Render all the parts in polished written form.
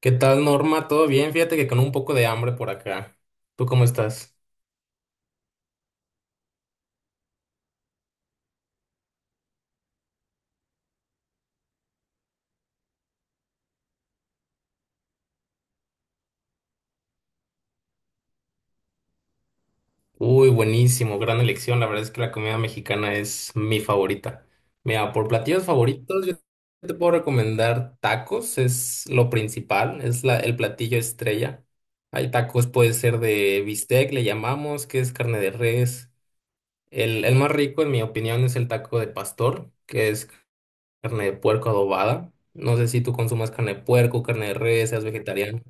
¿Qué tal, Norma? ¿Todo bien? Fíjate que con un poco de hambre por acá. ¿Tú cómo estás? Uy, buenísimo, gran elección. La verdad es que la comida mexicana es mi favorita. Mira, por platillos favoritos, yo te puedo recomendar tacos, es lo principal, el platillo estrella. Hay tacos, puede ser de bistec, le llamamos, que es carne de res. El más rico, en mi opinión, es el taco de pastor, que es carne de puerco adobada. No sé si tú consumas carne de puerco, carne de res, seas vegetariano.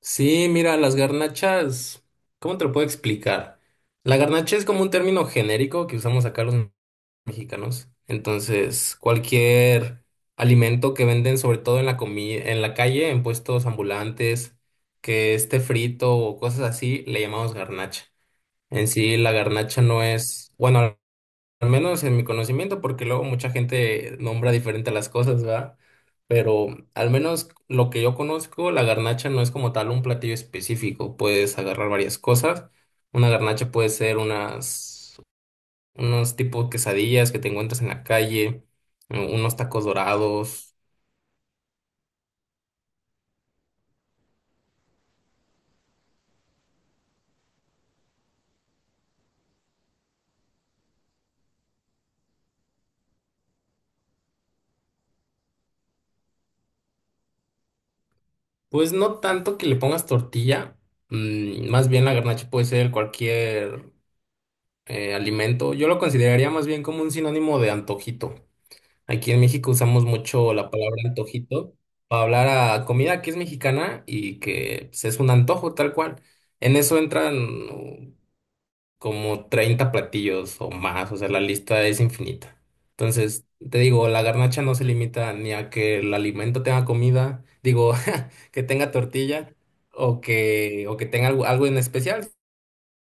Sí, mira, las garnachas, ¿cómo te lo puedo explicar? La garnacha es como un término genérico que usamos acá los mexicanos. Entonces, cualquier alimento que venden, sobre todo en en la calle, en puestos ambulantes, que esté frito o cosas así, le llamamos garnacha. En sí, la garnacha no es, bueno, al menos en mi conocimiento, porque luego mucha gente nombra diferente las cosas, ¿verdad? Pero al menos lo que yo conozco, la garnacha no es como tal un platillo específico. Puedes agarrar varias cosas. Una garnacha puede ser unas, unos tipos quesadillas que te encuentras en la calle, unos tacos dorados. Pues no tanto que le pongas tortilla, mm, más bien la garnacha puede ser cualquier alimento. Yo lo consideraría más bien como un sinónimo de antojito. Aquí en México usamos mucho la palabra antojito para hablar a comida que es mexicana y que pues, es un antojo tal cual. En eso entran uh, como 30 platillos o más, o sea, la lista es infinita. Entonces, te digo, la garnacha no se limita ni a que el alimento tenga comida, digo, que tenga tortilla o que tenga algo, algo en especial.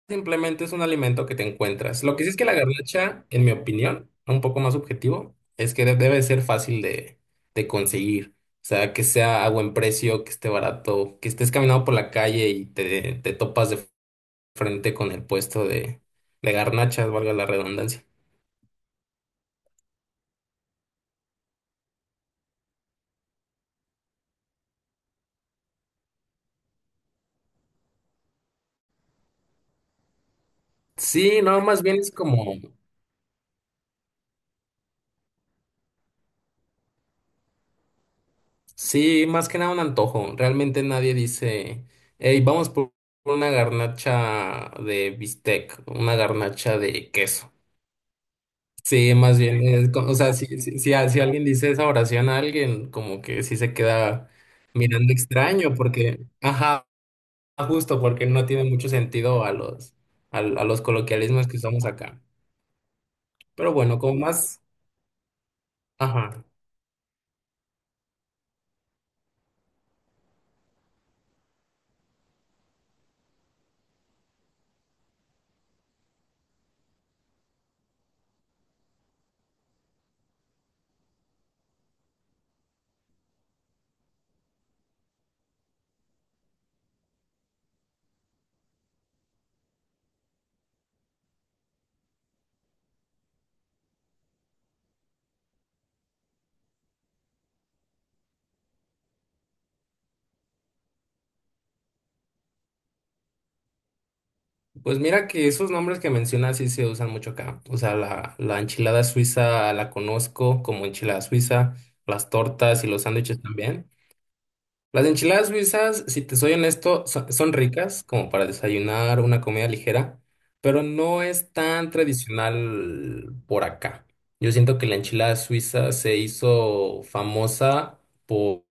Simplemente es un alimento que te encuentras. Lo que sí es que la garnacha, en mi opinión, un poco más objetivo, es que debe ser fácil de conseguir. O sea, que sea a buen precio, que esté barato, que estés caminando por la calle y te topas de frente con el puesto de garnachas, valga la redundancia. Sí, no, más bien es como, sí, más que nada un antojo. Realmente nadie dice, hey, vamos por una garnacha de bistec, una garnacha de queso. Sí, más bien, o sea, si alguien dice esa oración a alguien, como que sí se queda mirando extraño, porque, ajá, justo porque no tiene mucho sentido a a los coloquialismos que usamos acá. Pero bueno, como más, ajá, pues mira que esos nombres que mencionas sí se usan mucho acá. O sea, la enchilada suiza la conozco como enchilada suiza, las tortas y los sándwiches también. Las enchiladas suizas, si te soy honesto, son ricas como para desayunar una comida ligera, pero no es tan tradicional por acá. Yo siento que la enchilada suiza se hizo famosa por,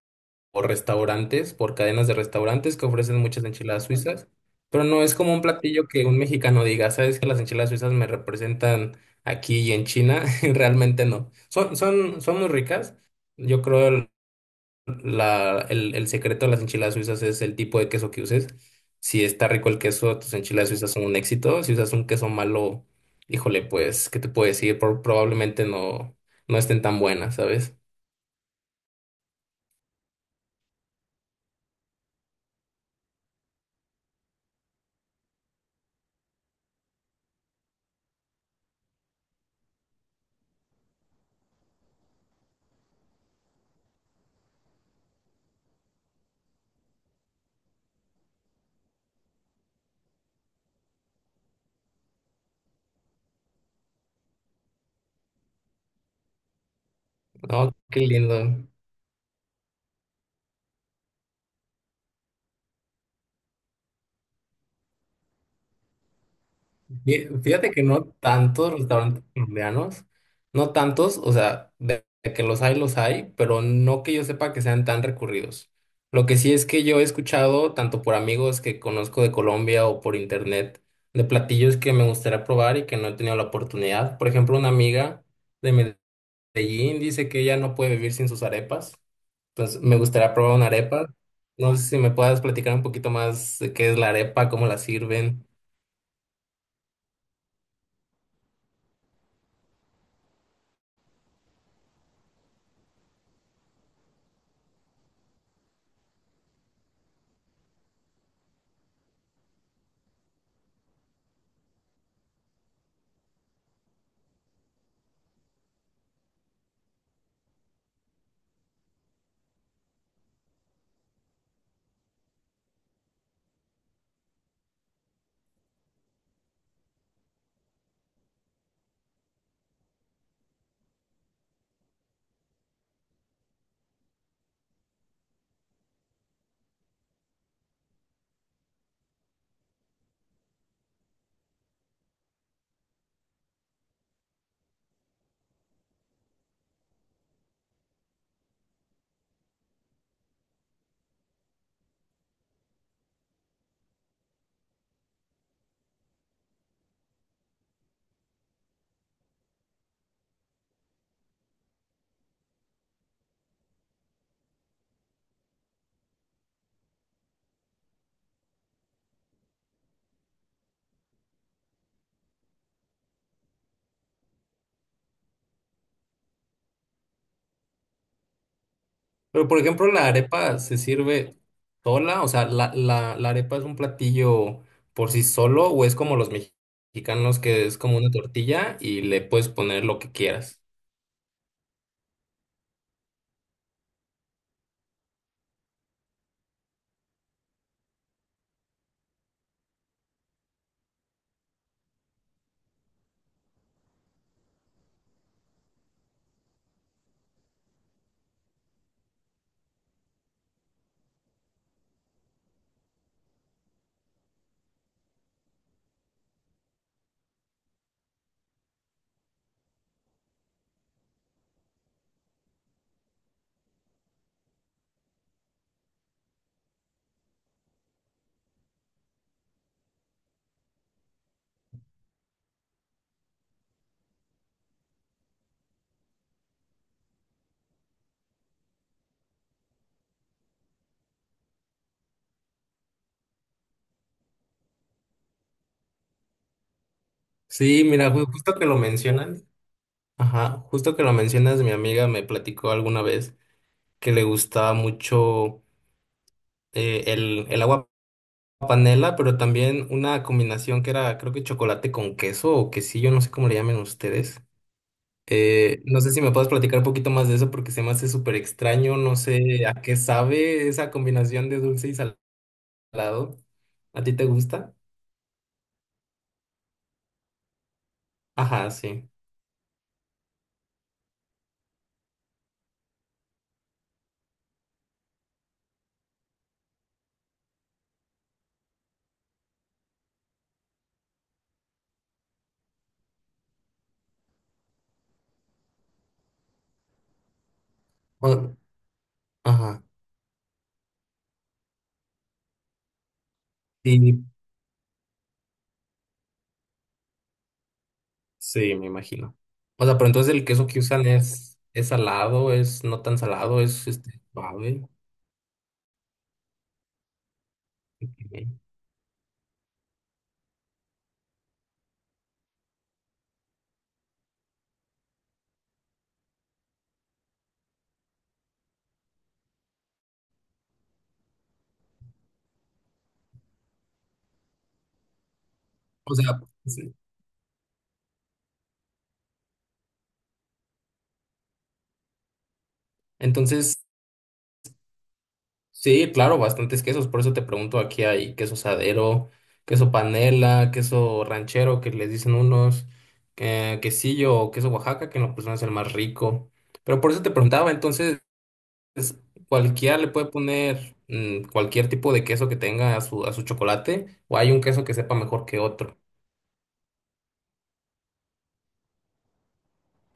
por restaurantes, por cadenas de restaurantes que ofrecen muchas enchiladas suizas, pero no es como un platillo que un mexicano diga, ¿sabes que las enchiladas suizas me representan aquí y en China? Realmente no. Son muy ricas. Yo creo el secreto de las enchiladas suizas es el tipo de queso que uses. Si está rico el queso, tus enchiladas suizas son un éxito. Si usas un queso malo, híjole, pues, ¿qué te puedo decir? Probablemente no estén tan buenas, ¿sabes? No, qué lindo. Fíjate que no tantos restaurantes colombianos, no tantos, o sea, de que los hay, pero no que yo sepa que sean tan recurridos. Lo que sí es que yo he escuchado, tanto por amigos que conozco de Colombia o por internet, de platillos que me gustaría probar y que no he tenido la oportunidad. Por ejemplo, una amiga de Medellín dice que ella no puede vivir sin sus arepas, entonces me gustaría probar una arepa. No sé si me puedas platicar un poquito más de qué es la arepa, cómo la sirven. Pero, por ejemplo, la arepa se sirve sola, o sea, la arepa es un platillo por sí solo, o es como los mexicanos que es como una tortilla y le puedes poner lo que quieras. Sí, mira, justo que lo mencionan, ajá, justo que lo mencionas, mi amiga me platicó alguna vez que le gustaba mucho el agua panela, pero también una combinación que era, creo que chocolate con queso o quesillo, no sé cómo le llamen ustedes. No sé si me puedes platicar un poquito más de eso porque se me hace súper extraño, no sé a qué sabe esa combinación de dulce y salado. ¿A ti te gusta? Ajá, sí. O- ajá. Sí, sí, me imagino. O sea, pero entonces el queso que usan es salado, es no tan salado, es este, suave. Ok. O sea, sí. Entonces sí, claro, bastantes quesos. Por eso te pregunto, aquí hay queso sadero, queso panela, queso ranchero, que les dicen unos, quesillo o queso Oaxaca, que en lo personal es el más rico. Pero por eso te preguntaba, entonces, es- ¿cualquiera le puede poner cualquier tipo de queso que tenga a a su chocolate? ¿O hay un queso que sepa mejor que otro?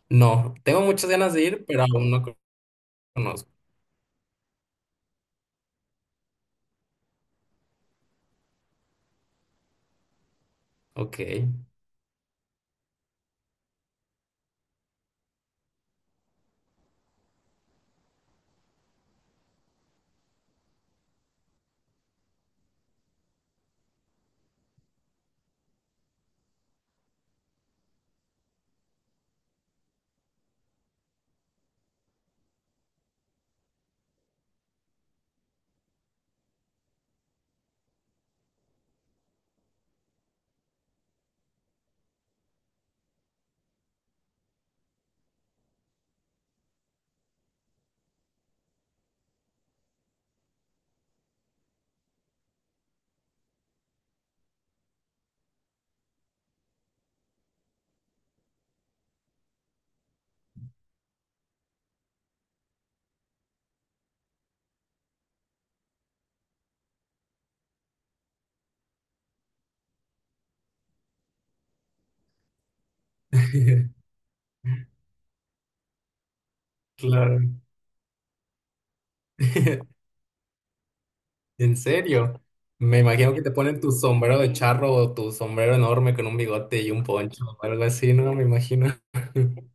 No, tengo muchas ganas de ir, pero aún no conozco. Ok. Claro. ¿En serio? Me imagino que te ponen tu sombrero de charro o tu sombrero enorme con un bigote y un poncho o algo así, ¿no? Me imagino.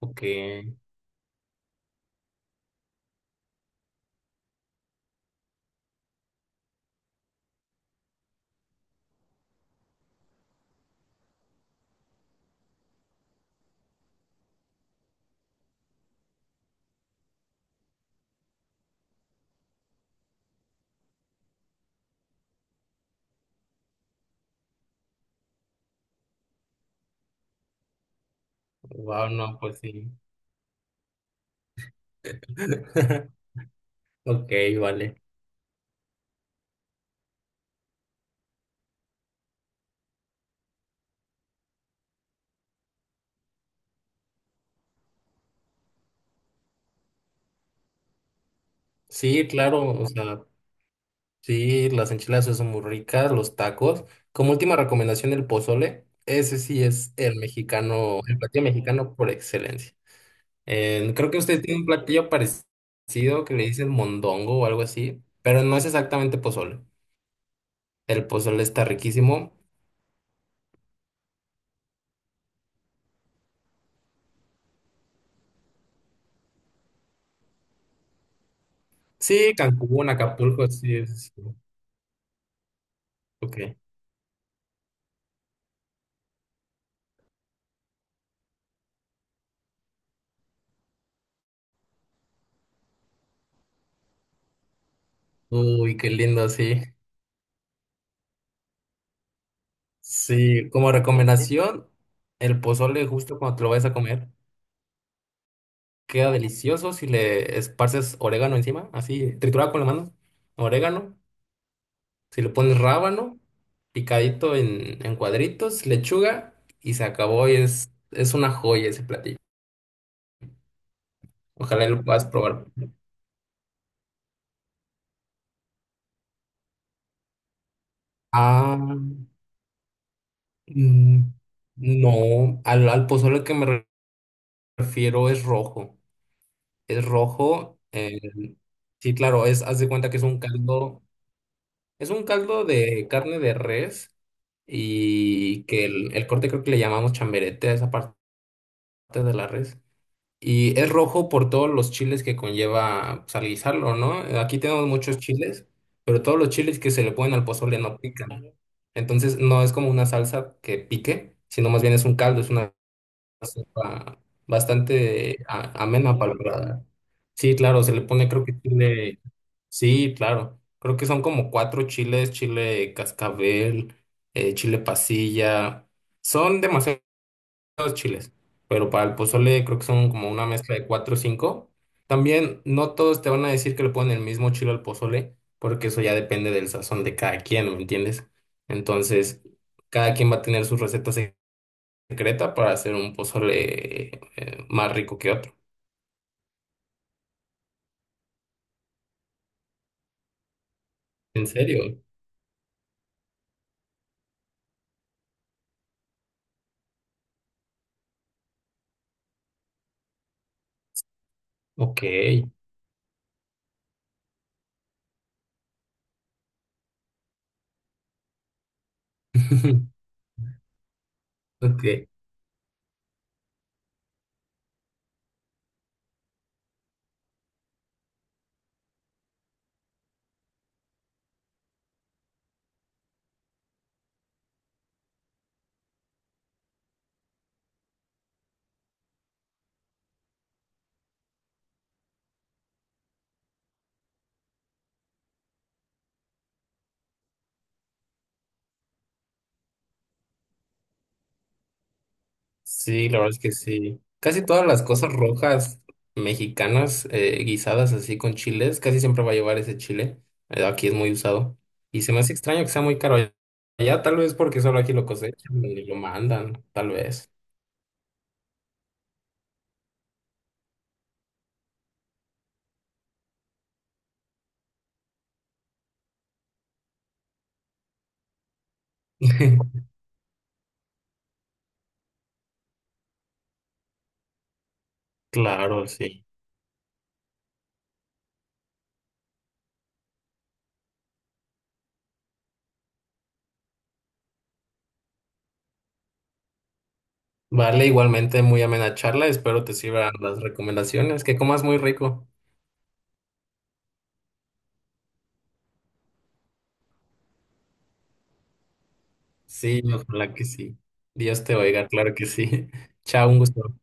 Ok, wow, no, pues sí. Ok, vale. Sí, claro, o sea, sí, las enchiladas sí son muy ricas, los tacos. Como última recomendación, el pozole. Ese sí es el mexicano, el platillo mexicano por excelencia. Creo que usted tiene un platillo parecido que le dicen mondongo o algo así, pero no es exactamente pozole. El pozole está riquísimo. Sí, Cancún, Acapulco, sí, es. Ok. Uy, qué lindo, sí. Sí, como recomendación, el pozole justo cuando te lo vayas a comer queda delicioso si le esparces orégano encima, así, triturado con la mano, orégano. Si le pones rábano, picadito en cuadritos, lechuga y se acabó y es una joya ese platillo. Ojalá lo puedas probar. Ah, mm, no, al pozole que me prefiero es rojo. Es rojo. Sí, claro, es, haz de cuenta que es un caldo de carne de res y que el corte creo que le llamamos chamberete a esa parte de la res. Y es rojo por todos los chiles que conlleva pues, al guisarlo, ¿no? Aquí tenemos muchos chiles, pero todos los chiles que se le ponen al pozole no pican. Entonces no es como una salsa que pique, sino más bien es un caldo, es una sopa bastante amena para el paladar. Sí, claro, se le pone creo que chile, sí, claro, creo que son como 4 chiles, chile cascabel, chile pasilla, son demasiados chiles, pero para el pozole creo que son como una mezcla de 4 o 5. También no todos te van a decir que le ponen el mismo chile al pozole, porque eso ya depende del sazón de cada quien, ¿me entiendes? Entonces, cada quien va a tener sus recetas secreta para hacer un pozole más rico que otro. ¿En serio? Ok. Ok. Sí, la verdad es que sí. Casi todas las cosas rojas mexicanas guisadas así con chiles, casi siempre va a llevar ese chile. Aquí es muy usado. Y se me hace extraño que sea muy caro allá, tal vez porque solo aquí lo cosechan y lo mandan, tal vez. Claro, sí. Vale, igualmente muy amena charla. Espero te sirvan las recomendaciones. Que comas muy rico. Sí, ojalá que sí. Dios te oiga, claro que sí. Chao, un gusto.